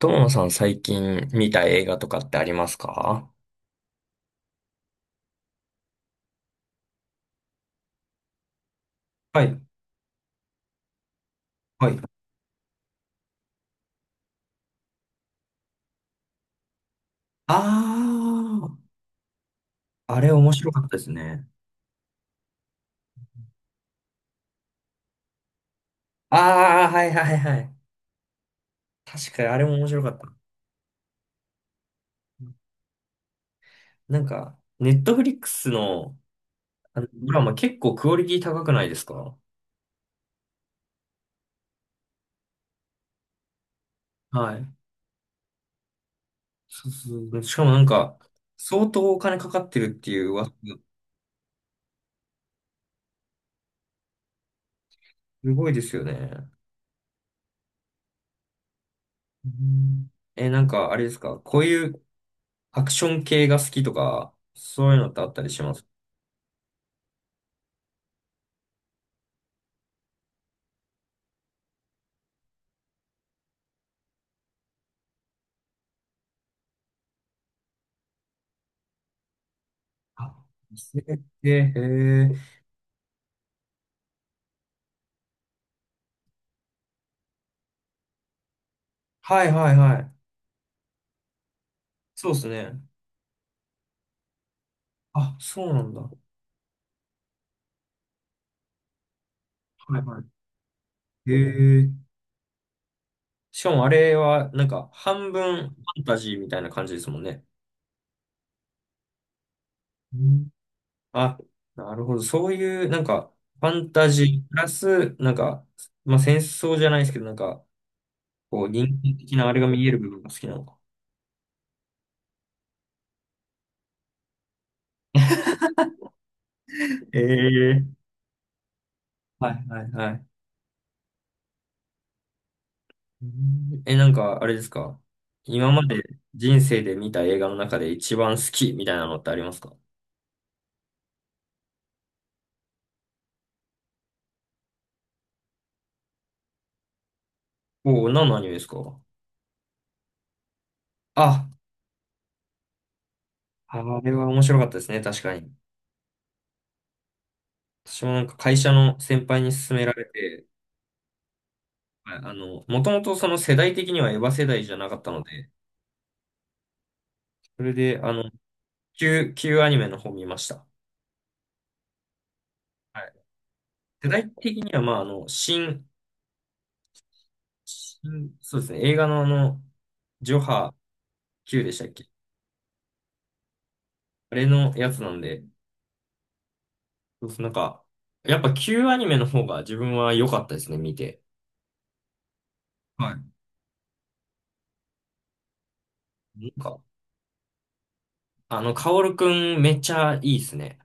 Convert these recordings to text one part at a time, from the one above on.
友野さん最近見た映画とかってありますか？はい、はい。ああ、あれ面白かったですね。ああ、はいはいはい。確かにあれも面白かった。ネットフリックスの、ドラマ結構クオリティ高くないですか？はい。そうそう。しかもなんか、相当お金かかってるっていう噂。すごいですよね。うん。え、なんか、あれですかこういうアクション系が好きとか、そういうのってあったりします？あ、え、え、へえ、はいはいはい。そうですね。あ、そうなんだ。はいはい。へえ。しかもあれは、半分ファンタジーみたいな感じですもんね。うん。あ、なるほど。そういう、なんか、ファンタジープラス、戦争じゃないですけど、人間的なあれが見える部分が好きなのか。ええ、はいはいはい。うん。え、なんか、あれですか今まで人生で見た映画の中で一番好きみたいなのってありますか？おおー、何のアニメですか？あ、あれは面白かったですね、確かに。私もなんか会社の先輩に勧められて、はい、もともとその世代的にはエヴァ世代じゃなかったので、それで、旧アニメの方見ました。はい。世代的には、まあ、あの、新、新、そうですね、映画のジョハ Q でしたっけ？あれのやつなんで、そうそう、なんか、やっぱ旧アニメの方が自分は良かったですね、見て。はい。カオルくんめっちゃいいですね。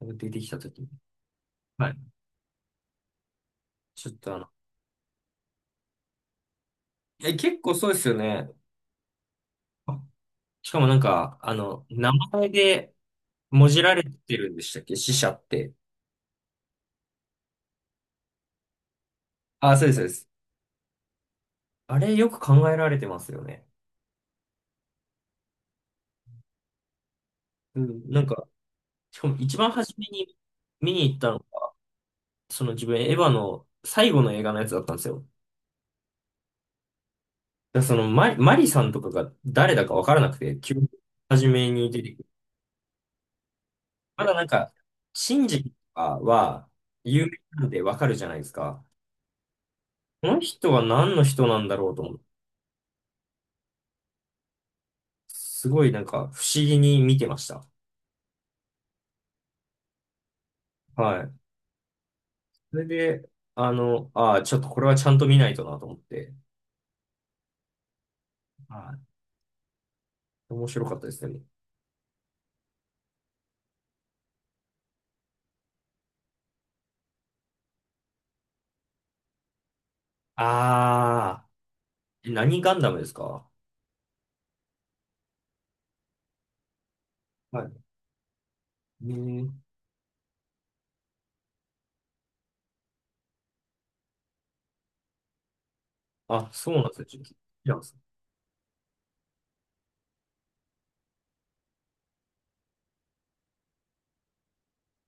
出てきた時に。はい。ちょっとあの、え、結構そうですよね。あ、しかもなんか、あの、名前でもじられてるんでしたっけ死者って？あ、そうです、そうです。あれよく考えられてますよね。うん、なんか、しかも一番初めに見に行ったのが、その自分エヴァの最後の映画のやつだったんですよ。だそのマリさんとかが誰だかわからなくて、急に初めに出てくる。まだなんか、シンジとかは有名なんでわかるじゃないですか。この人は何の人なんだろうと思って、すごいなんか不思議に見てました。はい。それで、ああ、ちょっとこれはちゃんと見ないとなと思って。はい。面白かったですね。ああ、え、何ガンダムですか？はい。ねえ。あ、そうなんですよ。ちょっと聞いてます。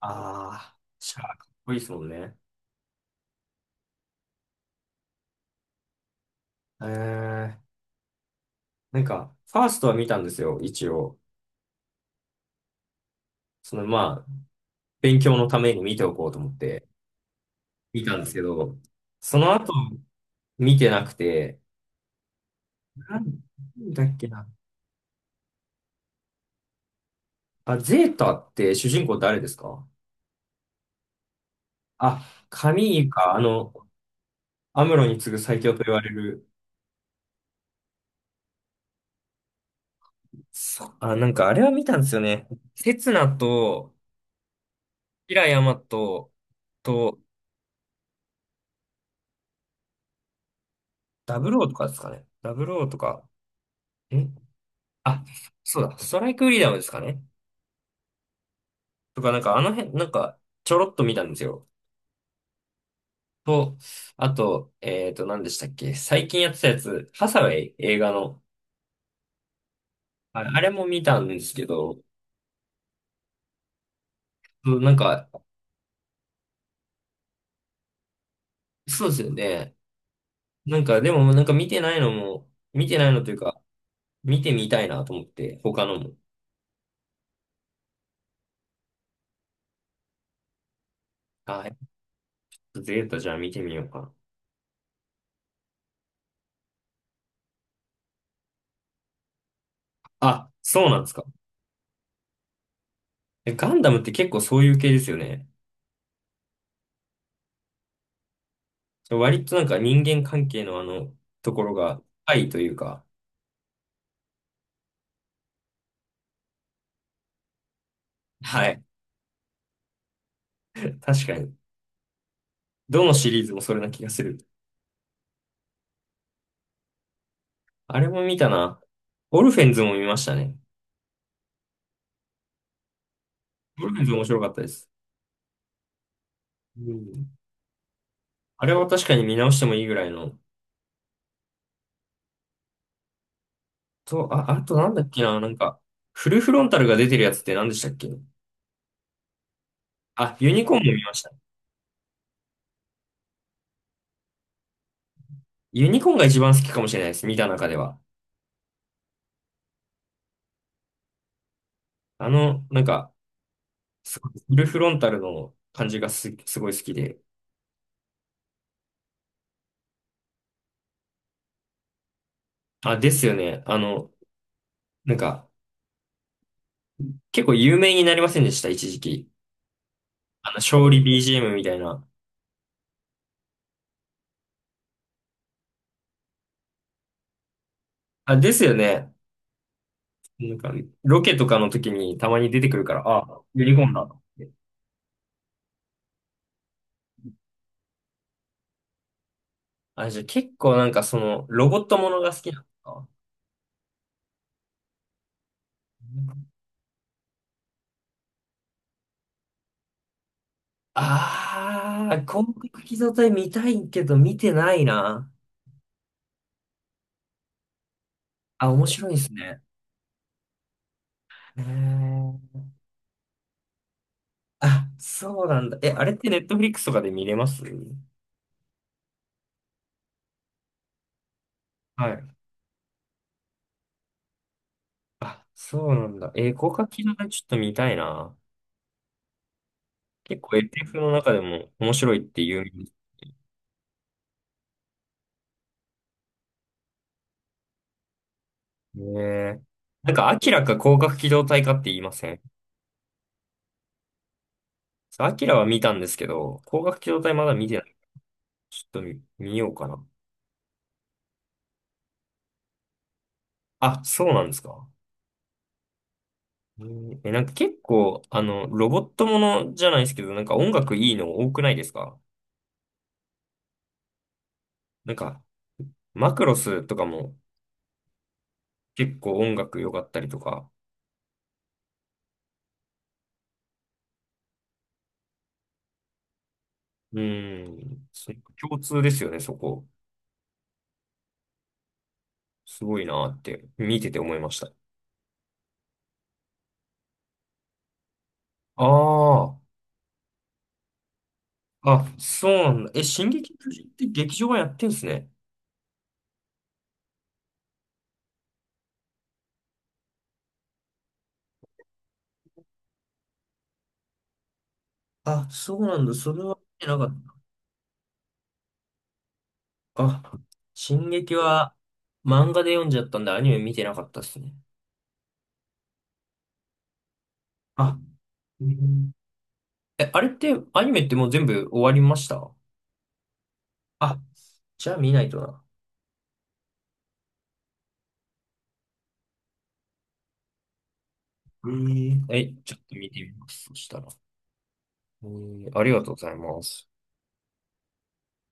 ああ、じゃあかっこいいですもんね。えー、ファーストは見たんですよ、一応。その、まあ、勉強のために見ておこうと思って、見たんですけど、その後、見てなくて、なんだっけな。あ、ゼータって主人公誰ですか？あ、カミーか、アムロに次ぐ最強と言われる。そあ、なんかあれは見たんですよね。セツナと、キラヤマとと、ダブローとかですかね。ダブローとか、え、あ、そうだ、ストライクフリーダムですかね。とか、なんかあの辺、なんか、ちょろっと見たんですよ。と、あと、何でしたっけ最近やってたやつ、ハサウェイ映画の。あれ、あれも見たんですけど、そうなんか、そうですよね。でも、見てないのというか、見てみたいなと思って、他のも。あ、やっぱゼータじゃあ見てみようかな。あ、そうなんですか？え、ガンダムって結構そういう系ですよね。割となんか人間関係のあの、ところが、愛というか、はい。確かに。どのシリーズもそれな気がする。あれも見たな。オルフェンズも見ましたね。オルフェンズ面白かったです。うん。あれは確かに見直してもいいぐらいの。と、あ、あとなんだっけな、なんか、フルフロンタルが出てるやつって何でしたっけ？あ、ユニコーンも見ました。ユニコーンが一番好きかもしれないです、見た中では。あの、なんか、すごいフルフロンタルの感じがす、すごい好きで。あ、ですよね。なんか、結構有名になりませんでした、一時期。あの、勝利 BGM みたいな。あ、ですよね。なんか、ロケとかの時にたまに出てくるから、ああ、ユニコーンだと思って。あ、じゃあ結構なんかその、ロボットものが好きなのか。ああ、広角機動隊見たいけど見てないな。あ、面白いですね。えー、あ、そうなんだ。え、あれってネットフリックスとかで見れます？はい。あ、そうなんだ。えー、広角機動隊ちょっと見たいな。結構エ f の中でも面白いっていう。ねえ。なんか、明らか広角機動隊かって言いません？アキラは見たんですけど、光学機動隊まだ見てない。ちょっと見ようかな。あ、そうなんですか？えーえなんか結構、あの、ロボットものじゃないですけど、なんか音楽いいの多くないですか？なんか、マクロスとかも結構音楽良かったりとか。うーん、そ共通ですよね、そこ。すごいなーって、見てて思いました。ああ、あ、そうなんだ。え、進撃の巨人って劇場はやってんすね。あ、そうなんだ。それは見てなかった。あ、進撃は漫画で読んじゃったんでアニメ見てなかったですね。あ、うん。え、あれってアニメってもう全部終わりました？あ、じゃあ見ないとな。えーえ、ちょっと見てみます。そしたら。えー、ありがとうございます。